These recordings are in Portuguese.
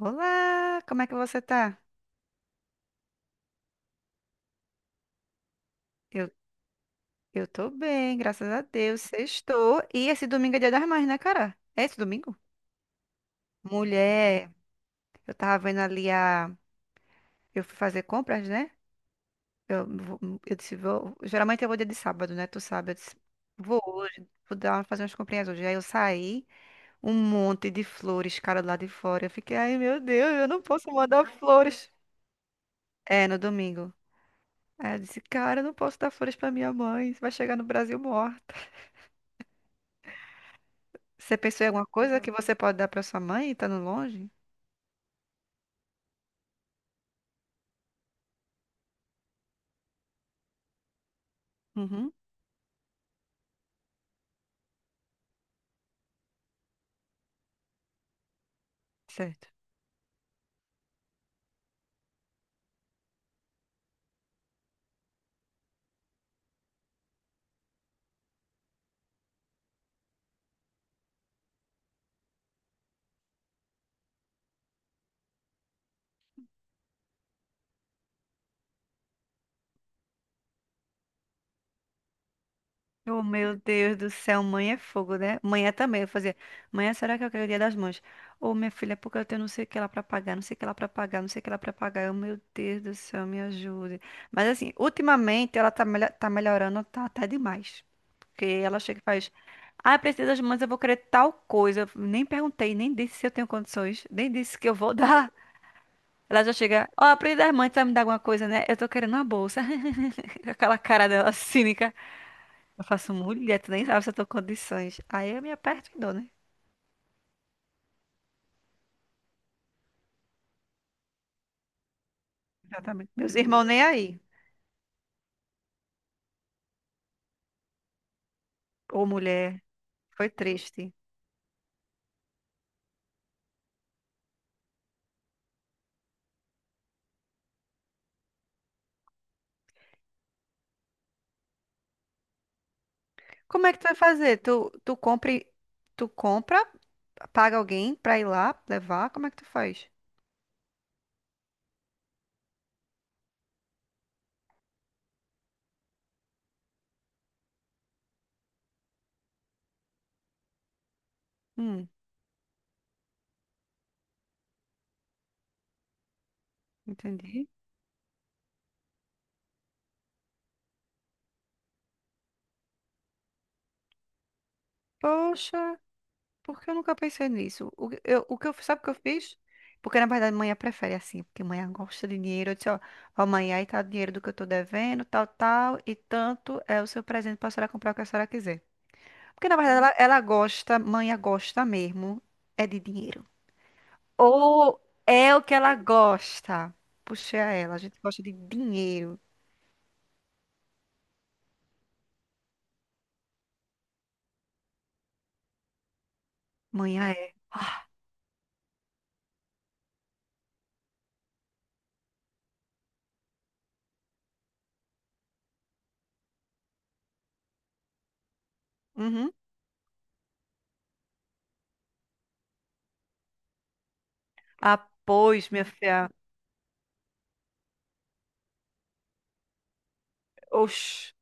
Olá, como é que você tá? Eu, eu tô bem, graças a Deus. Sextou. E esse domingo é Dia das Mães, né, cara? É esse domingo? Mulher, eu tava vendo ali a. Eu fui fazer compras, né? Eu, vou- eu disse, vou. Geralmente eu vou dia de sábado, né? Tu sabe. Eu disse, vou hoje, fazer umas comprinhas hoje. Aí eu saí, um monte de flores, cara, lá de fora. Eu fiquei, ai, meu Deus, eu não posso mandar flores. É, no domingo. Aí eu disse, cara, eu não posso dar flores pra minha mãe. Vai chegar no Brasil morta. Você pensou em alguma coisa que você pode dar para sua mãe, estando longe? Uhum, certo. Oh, meu Deus do céu, mãe é fogo, né? Mãe é também, eu fazia. Mãe, é, será que eu quero o dia das mães? Ô, minha filha, é porque eu tenho não sei o que lá pra pagar, não sei o que lá pra pagar, não sei o que lá pra pagar. Eu, meu Deus do céu, me ajude. Mas assim, ultimamente ela tá melhorando, tá até demais. Porque ela chega e faz, ah, eu preciso das mães, eu vou querer tal coisa. Eu nem perguntei, nem disse se eu tenho condições, nem disse que eu vou dar. Ela já chega, ó, a Pri das Mães vai me dar alguma coisa, né? Eu tô querendo uma bolsa. Com aquela cara dela cínica. Eu faço, mulher, tu nem sabe se eu tô com condições. Aí eu me aperto e dou, né? Exatamente. Meus irmãos nem aí. Ô, mulher, foi triste. Como é que tu vai fazer? Tu compra, paga alguém pra ir lá levar? Como é que tu faz? Hum, entendi. Poxa. Porque eu nunca pensei nisso. Sabe o que eu fiz? Porque, na verdade, mãe prefere assim, porque mãe gosta de dinheiro. Eu disse, ó, ó, mãe, aí tá o dinheiro do que eu tô devendo, tal, tal, e tanto é o seu presente pra senhora comprar o que a senhora quiser. Porque, na verdade, ela, hum, ela gosta, mãe gosta mesmo, é de dinheiro. Ou é o que ela gosta. Puxei a ela, a gente gosta de dinheiro. Mãe é. Ah, uhum. Ah, pois, minha filha. Oxi.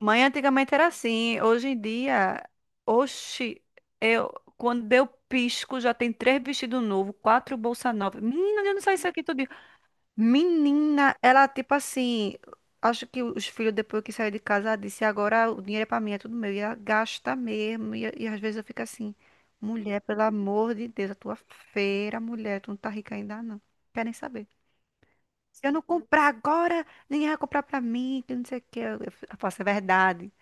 Mãe antigamente era assim. Hoje em dia, oxi, eu, quando deu pisco, já tem três vestidos novos, quatro bolsa nova. Menina, eu não sei isso aqui tudo. Menina, ela tipo assim. Acho que os filhos, depois que saíram de casa, ela disse: agora o dinheiro é pra mim, é tudo meu. E ela gasta mesmo. E às vezes eu fico assim: mulher, pelo amor de Deus, a tua feira, mulher, tu não tá rica ainda não. Quer nem saber. Se eu não comprar agora, ninguém vai comprar pra mim, que não sei o que. Eu faço, é verdade.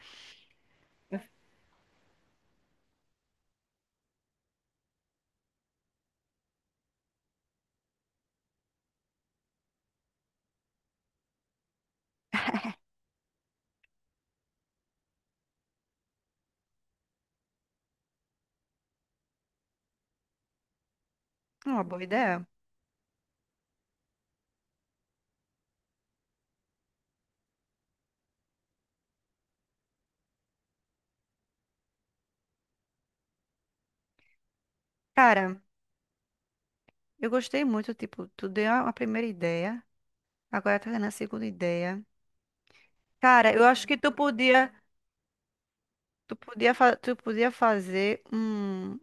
É uma boa ideia. Cara, eu gostei muito, tipo, tu deu a primeira ideia, agora tá dando a segunda ideia. Cara, eu acho que tu podia. Tu podia fazer um,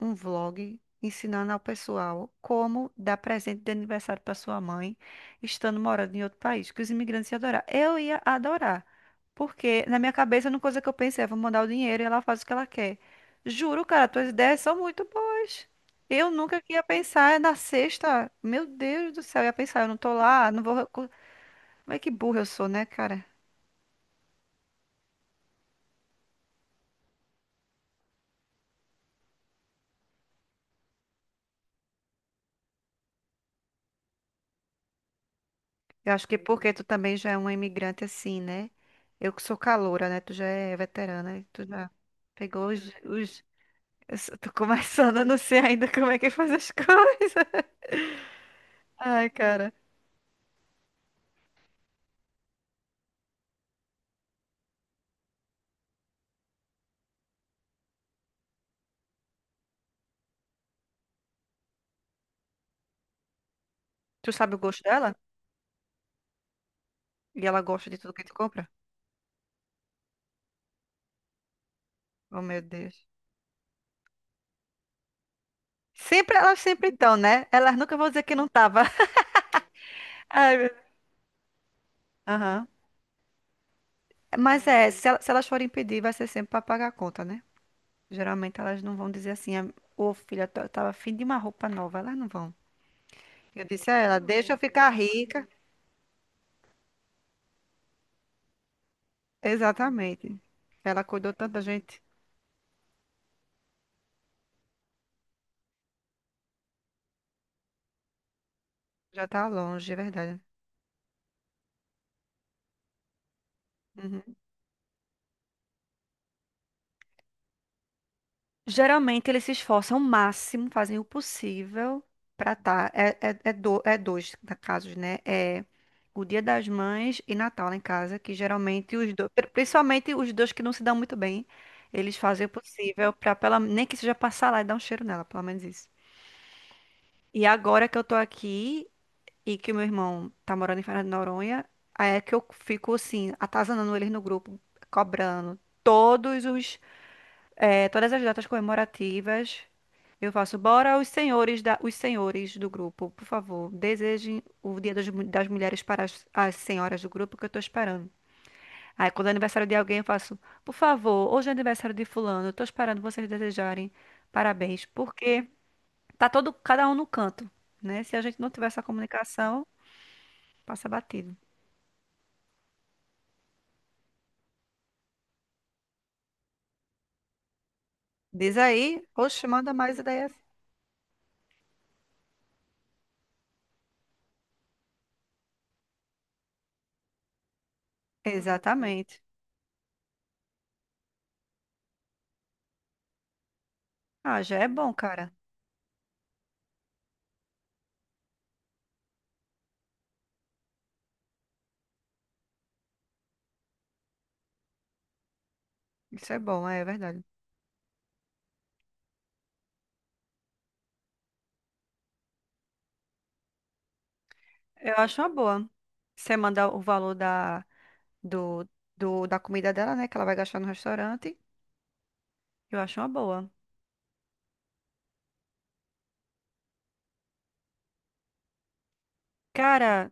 um vlog ensinando ao pessoal como dar presente de aniversário para sua mãe, estando morando em outro país, que os imigrantes iam adorar. Eu ia adorar, porque na minha cabeça, uma coisa que eu pensei é, vou mandar o dinheiro e ela faz o que ela quer. Juro, cara, tuas ideias são muito boas. Eu nunca que ia pensar na sexta. Meu Deus do céu, eu ia pensar, eu não tô lá, não vou... recu- Como é que burra eu sou, né, cara? Eu acho que porque tu também já é uma imigrante assim, né? Eu que sou caloura, né? Tu já é veterana, né? Tu já pegou os... Eu só tô começando, eu não sei ainda como é que faz as coisas. Ai, cara. Tu sabe o gosto dela? E ela gosta de tudo que tu compra? Oh, meu Deus. Sempre, elas sempre estão, né? Elas nunca vão dizer que não tava. Ai, meu Deus. Aham. Mas é, se elas forem pedir, vai ser sempre pra pagar a conta, né? Geralmente elas não vão dizer assim, ô filha, eu tava afim de uma roupa nova. Elas não vão. Eu disse a ela, deixa eu ficar rica. Exatamente. Ela cuidou tanto da gente. Já tá longe, é verdade. Uhum. Geralmente eles se esforçam o máximo, fazem o possível pra tá. É casos, né? É o Dia das Mães e Natal lá em casa, que geralmente os dois, principalmente os dois que não se dão muito bem, eles fazem o possível pra pela, nem que seja passar lá e dar um cheiro nela, pelo menos isso. E agora que eu tô aqui e que o meu irmão tá morando em Fernando de Noronha, aí é que eu fico assim, atazanando eles no grupo, cobrando todas as datas comemorativas. Eu faço, bora os senhores do grupo, por favor, desejem o Dia das Mulheres para as senhoras do grupo que eu tô esperando. Aí quando é aniversário de alguém, eu faço, por favor, hoje é aniversário de fulano, eu tô esperando vocês desejarem parabéns, porque tá todo cada um no canto, né? Se a gente não tiver essa comunicação, passa batido. Diz aí, oxe, manda mais ideias. Exatamente. Ah, já é bom, cara. Isso é bom, é verdade. Eu acho uma boa. Você manda o valor do, da comida dela, né? Que ela vai gastar no restaurante. Eu acho uma boa. Cara,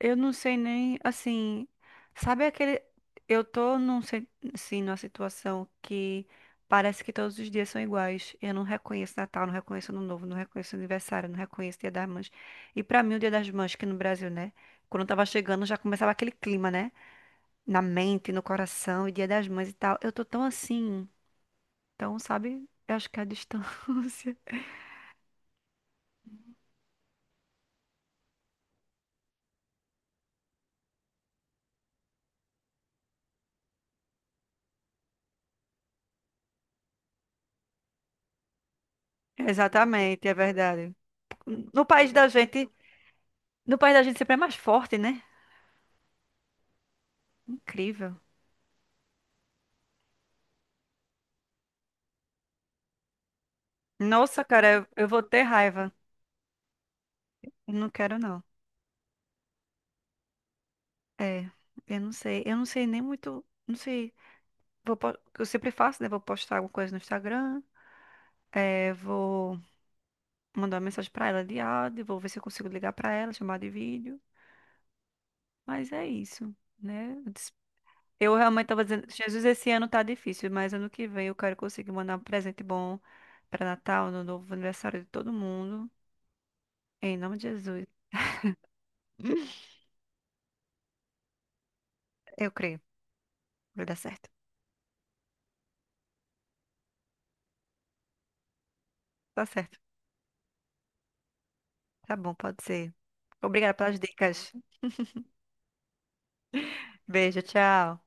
eu não sei nem, assim, sabe aquele, eu tô num, se- assim, numa situação que parece que todos os dias são iguais. Eu não reconheço Natal, não reconheço Ano Novo, não reconheço aniversário, não reconheço Dia das Mães. E pra mim o Dia das Mães que no Brasil, né? Quando eu tava chegando já começava aquele clima, né? Na mente, no coração, e Dia das Mães e tal. Eu tô tão assim, então, sabe? Eu acho que é a distância. Exatamente, é verdade. No país da gente, no país da gente sempre é mais forte, né? Incrível. Nossa, cara, eu vou ter raiva. Não quero, não. É, eu não sei. Eu não sei nem muito. Não sei. Eu sempre faço, né? Vou postar alguma coisa no Instagram. É, vou mandar uma mensagem pra ela de áudio. Vou ver se eu consigo ligar pra ela, chamar de vídeo. Mas é isso, né? Eu realmente tava dizendo, Jesus, esse ano tá difícil, mas ano que vem eu quero conseguir mandar um presente bom pra Natal, no novo aniversário de todo mundo. Em nome de Jesus. Eu creio. Vai dar certo. Tá certo. Tá bom, pode ser. Obrigada pelas dicas. Beijo, tchau.